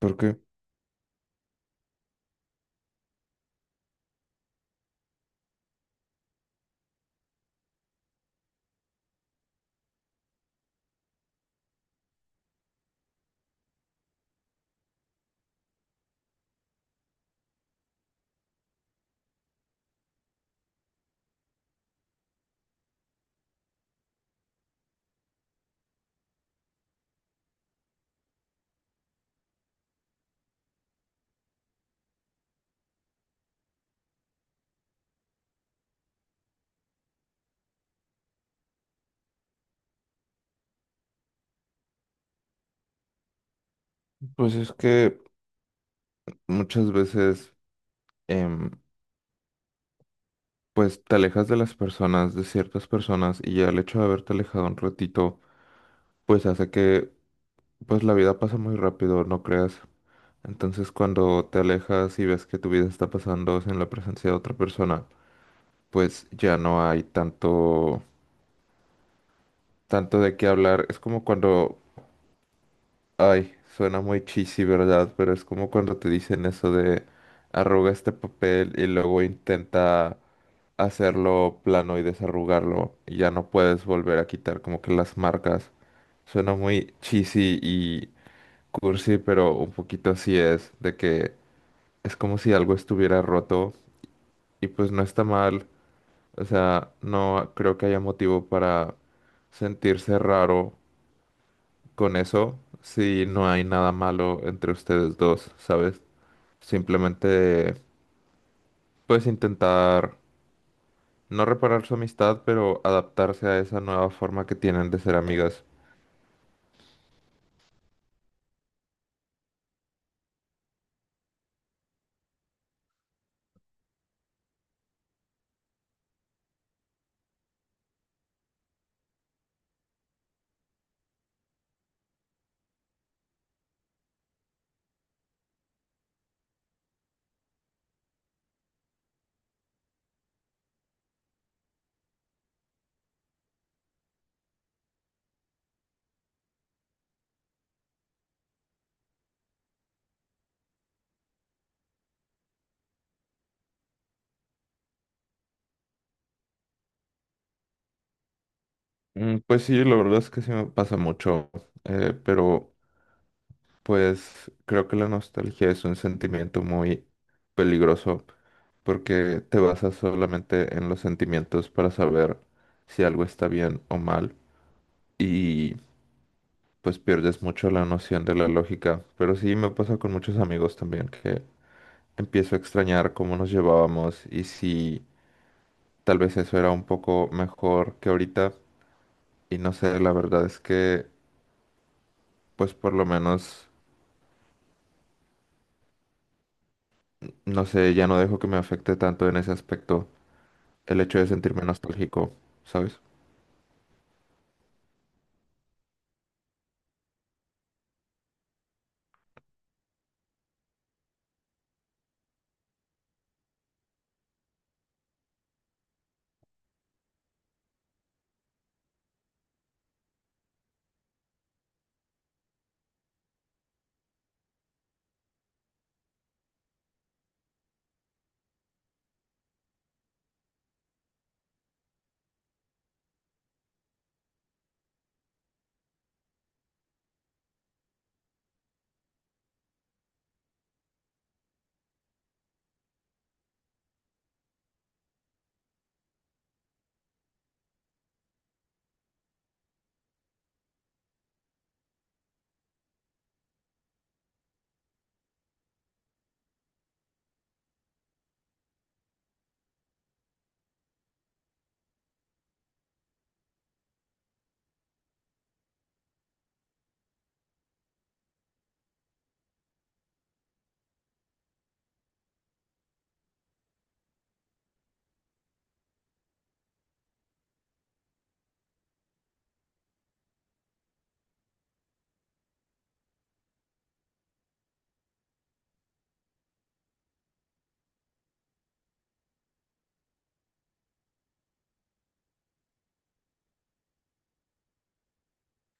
Porque, pues es que muchas veces, em, pues te alejas de las personas, de ciertas personas, y ya el hecho de haberte alejado un ratito, pues hace que, pues la vida pasa muy rápido, no creas. Entonces, cuando te alejas y ves que tu vida está pasando en la presencia de otra persona, pues ya no hay tanto de qué hablar. Es como cuando, ay, suena muy cheesy, ¿verdad? Pero es como cuando te dicen eso de arruga este papel y luego intenta hacerlo plano y desarrugarlo y ya no puedes volver a quitar como que las marcas. Suena muy cheesy y cursi, pero un poquito así es, de que es como si algo estuviera roto y pues no está mal. O sea, no creo que haya motivo para sentirse raro con eso si no hay nada malo entre ustedes dos, ¿sabes? Simplemente puedes intentar no reparar su amistad, pero adaptarse a esa nueva forma que tienen de ser amigas. Mm, pues sí, la verdad es que sí me pasa mucho, pero pues creo que la nostalgia es un sentimiento muy peligroso porque te basas solamente en los sentimientos para saber si algo está bien o mal y pues pierdes mucho la noción de la lógica. Pero sí me pasa con muchos amigos también que empiezo a extrañar cómo nos llevábamos y si tal vez eso era un poco mejor que ahorita. Y no sé, la verdad es que, pues por lo menos, no sé, ya no dejo que me afecte tanto en ese aspecto el hecho de sentirme nostálgico, ¿sabes?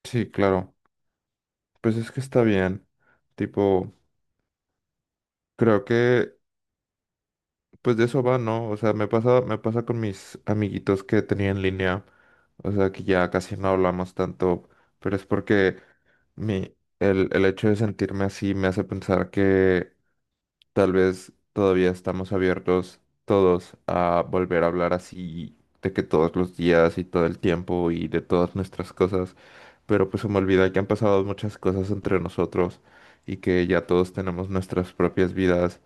Sí, claro. Pues es que está bien. Tipo, creo que, pues de eso va, ¿no? O sea, me pasa con mis amiguitos que tenía en línea. O sea, que ya casi no hablamos tanto, pero es porque el hecho de sentirme así me hace pensar que tal vez todavía estamos abiertos todos a volver a hablar así de que todos los días y todo el tiempo y de todas nuestras cosas, pero pues se me olvida que han pasado muchas cosas entre nosotros y que ya todos tenemos nuestras propias vidas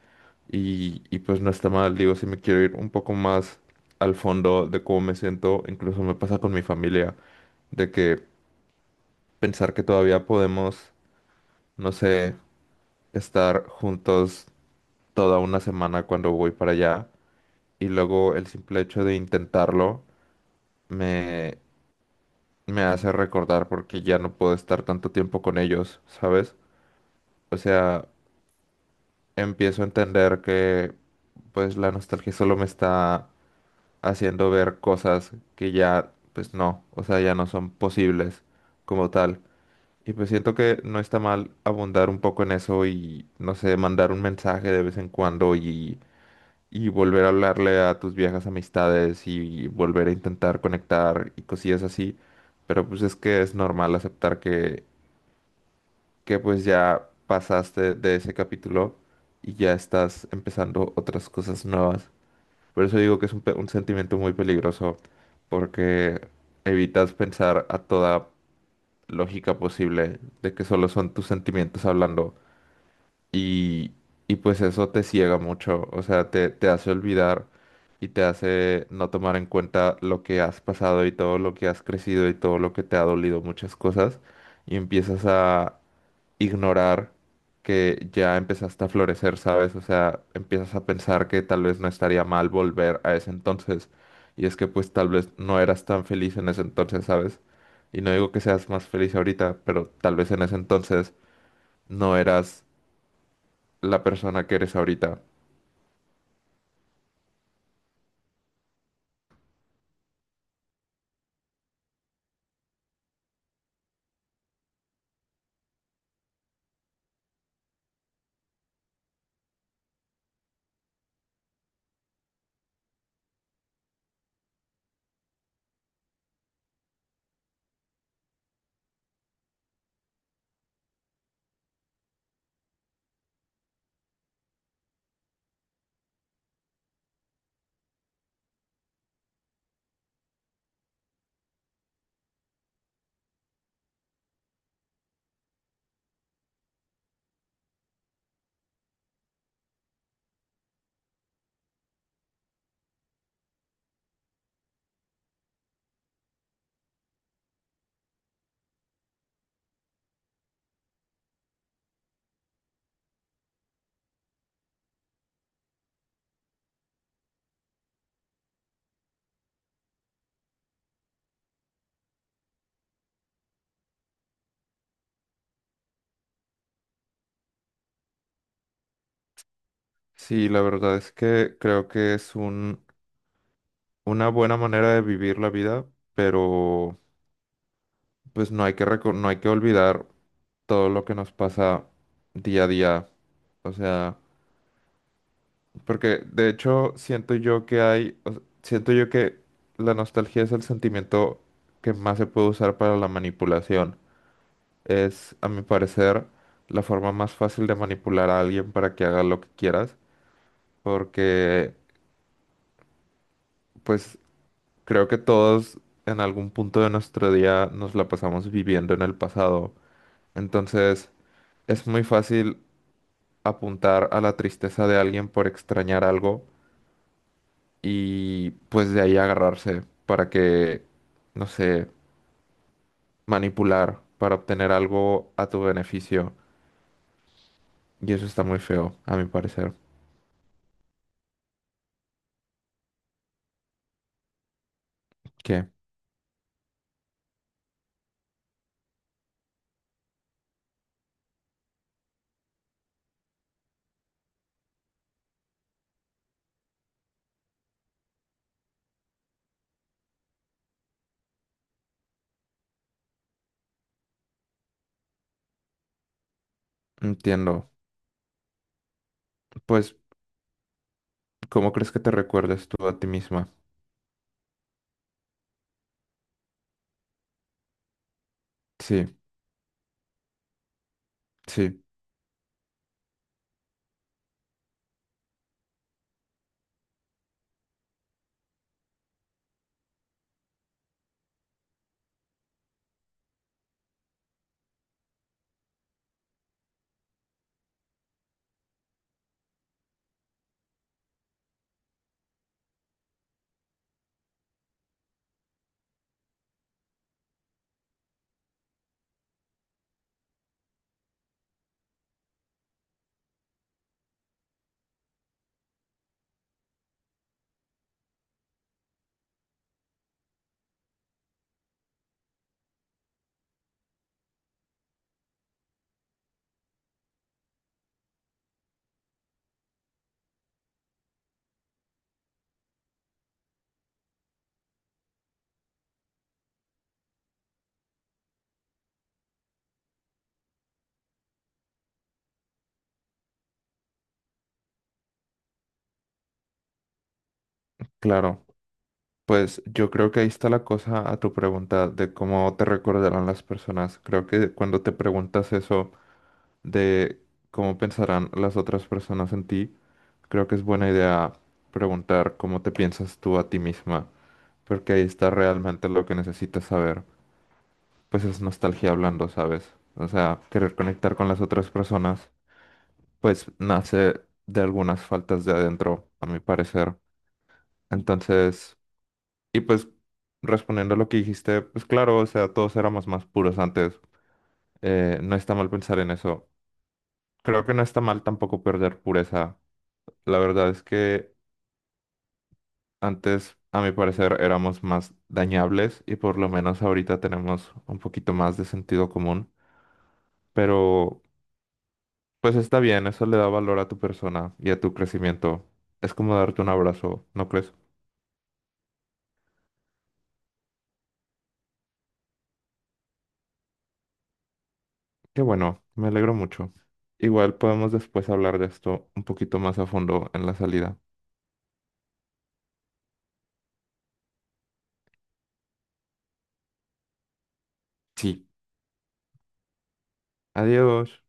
y pues no está mal, digo, si me quiero ir un poco más al fondo de cómo me siento, incluso me pasa con mi familia, de que pensar que todavía podemos, no sé, estar juntos toda una semana cuando voy para allá. Y luego el simple hecho de intentarlo me, me hace recordar porque ya no puedo estar tanto tiempo con ellos, ¿sabes? O sea, empiezo a entender que pues la nostalgia solo me está haciendo ver cosas que ya pues no, o sea, ya no son posibles como tal. Y pues siento que no está mal abundar un poco en eso y, no sé, mandar un mensaje de vez en cuando y volver a hablarle a tus viejas amistades y volver a intentar conectar y cosillas así. Pero pues es que es normal aceptar que pues ya pasaste de ese capítulo y ya estás empezando otras cosas nuevas. Por eso digo que es un, un sentimiento muy peligroso porque evitas pensar a toda lógica posible de que solo son tus sentimientos hablando y, y pues eso te ciega mucho, o sea, te hace olvidar y te hace no tomar en cuenta lo que has pasado y todo lo que has crecido y todo lo que te ha dolido, muchas cosas, y empiezas a ignorar que ya empezaste a florecer, ¿sabes? O sea, empiezas a pensar que tal vez no estaría mal volver a ese entonces, y es que pues tal vez no eras tan feliz en ese entonces, ¿sabes? Y no digo que seas más feliz ahorita, pero tal vez en ese entonces no eras la persona que eres ahorita. Sí, la verdad es que creo que es un, una buena manera de vivir la vida, pero pues no hay que no hay que olvidar todo lo que nos pasa día a día. O sea, porque de hecho siento yo que hay, siento yo que la nostalgia es el sentimiento que más se puede usar para la manipulación. Es, a mi parecer, la forma más fácil de manipular a alguien para que haga lo que quieras, porque pues creo que todos en algún punto de nuestro día nos la pasamos viviendo en el pasado. Entonces, es muy fácil apuntar a la tristeza de alguien por extrañar algo y pues de ahí agarrarse para que, no sé, manipular para obtener algo a tu beneficio. Y eso está muy feo, a mi parecer. ¿Qué? Entiendo. Pues, ¿cómo crees que te recuerdes tú a ti misma? Sí, sí, claro. Pues yo creo que ahí está la cosa a tu pregunta de cómo te recordarán las personas. Creo que cuando te preguntas eso de cómo pensarán las otras personas en ti, creo que es buena idea preguntar cómo te piensas tú a ti misma, porque ahí está realmente lo que necesitas saber. Pues es nostalgia hablando, ¿sabes? O sea, querer conectar con las otras personas, pues nace de algunas faltas de adentro, a mi parecer. Entonces… Y pues respondiendo a lo que dijiste, pues claro, o sea, todos éramos más puros antes. No está mal pensar en eso. Creo que no está mal tampoco perder pureza. La verdad es que antes, a mi parecer, éramos más dañables y por lo menos ahorita tenemos un poquito más de sentido común. Pero pues está bien, eso le da valor a tu persona y a tu crecimiento. Es como darte un abrazo, ¿no crees? Qué bueno, me alegro mucho. Igual podemos después hablar de esto un poquito más a fondo en la salida. Sí. Adiós.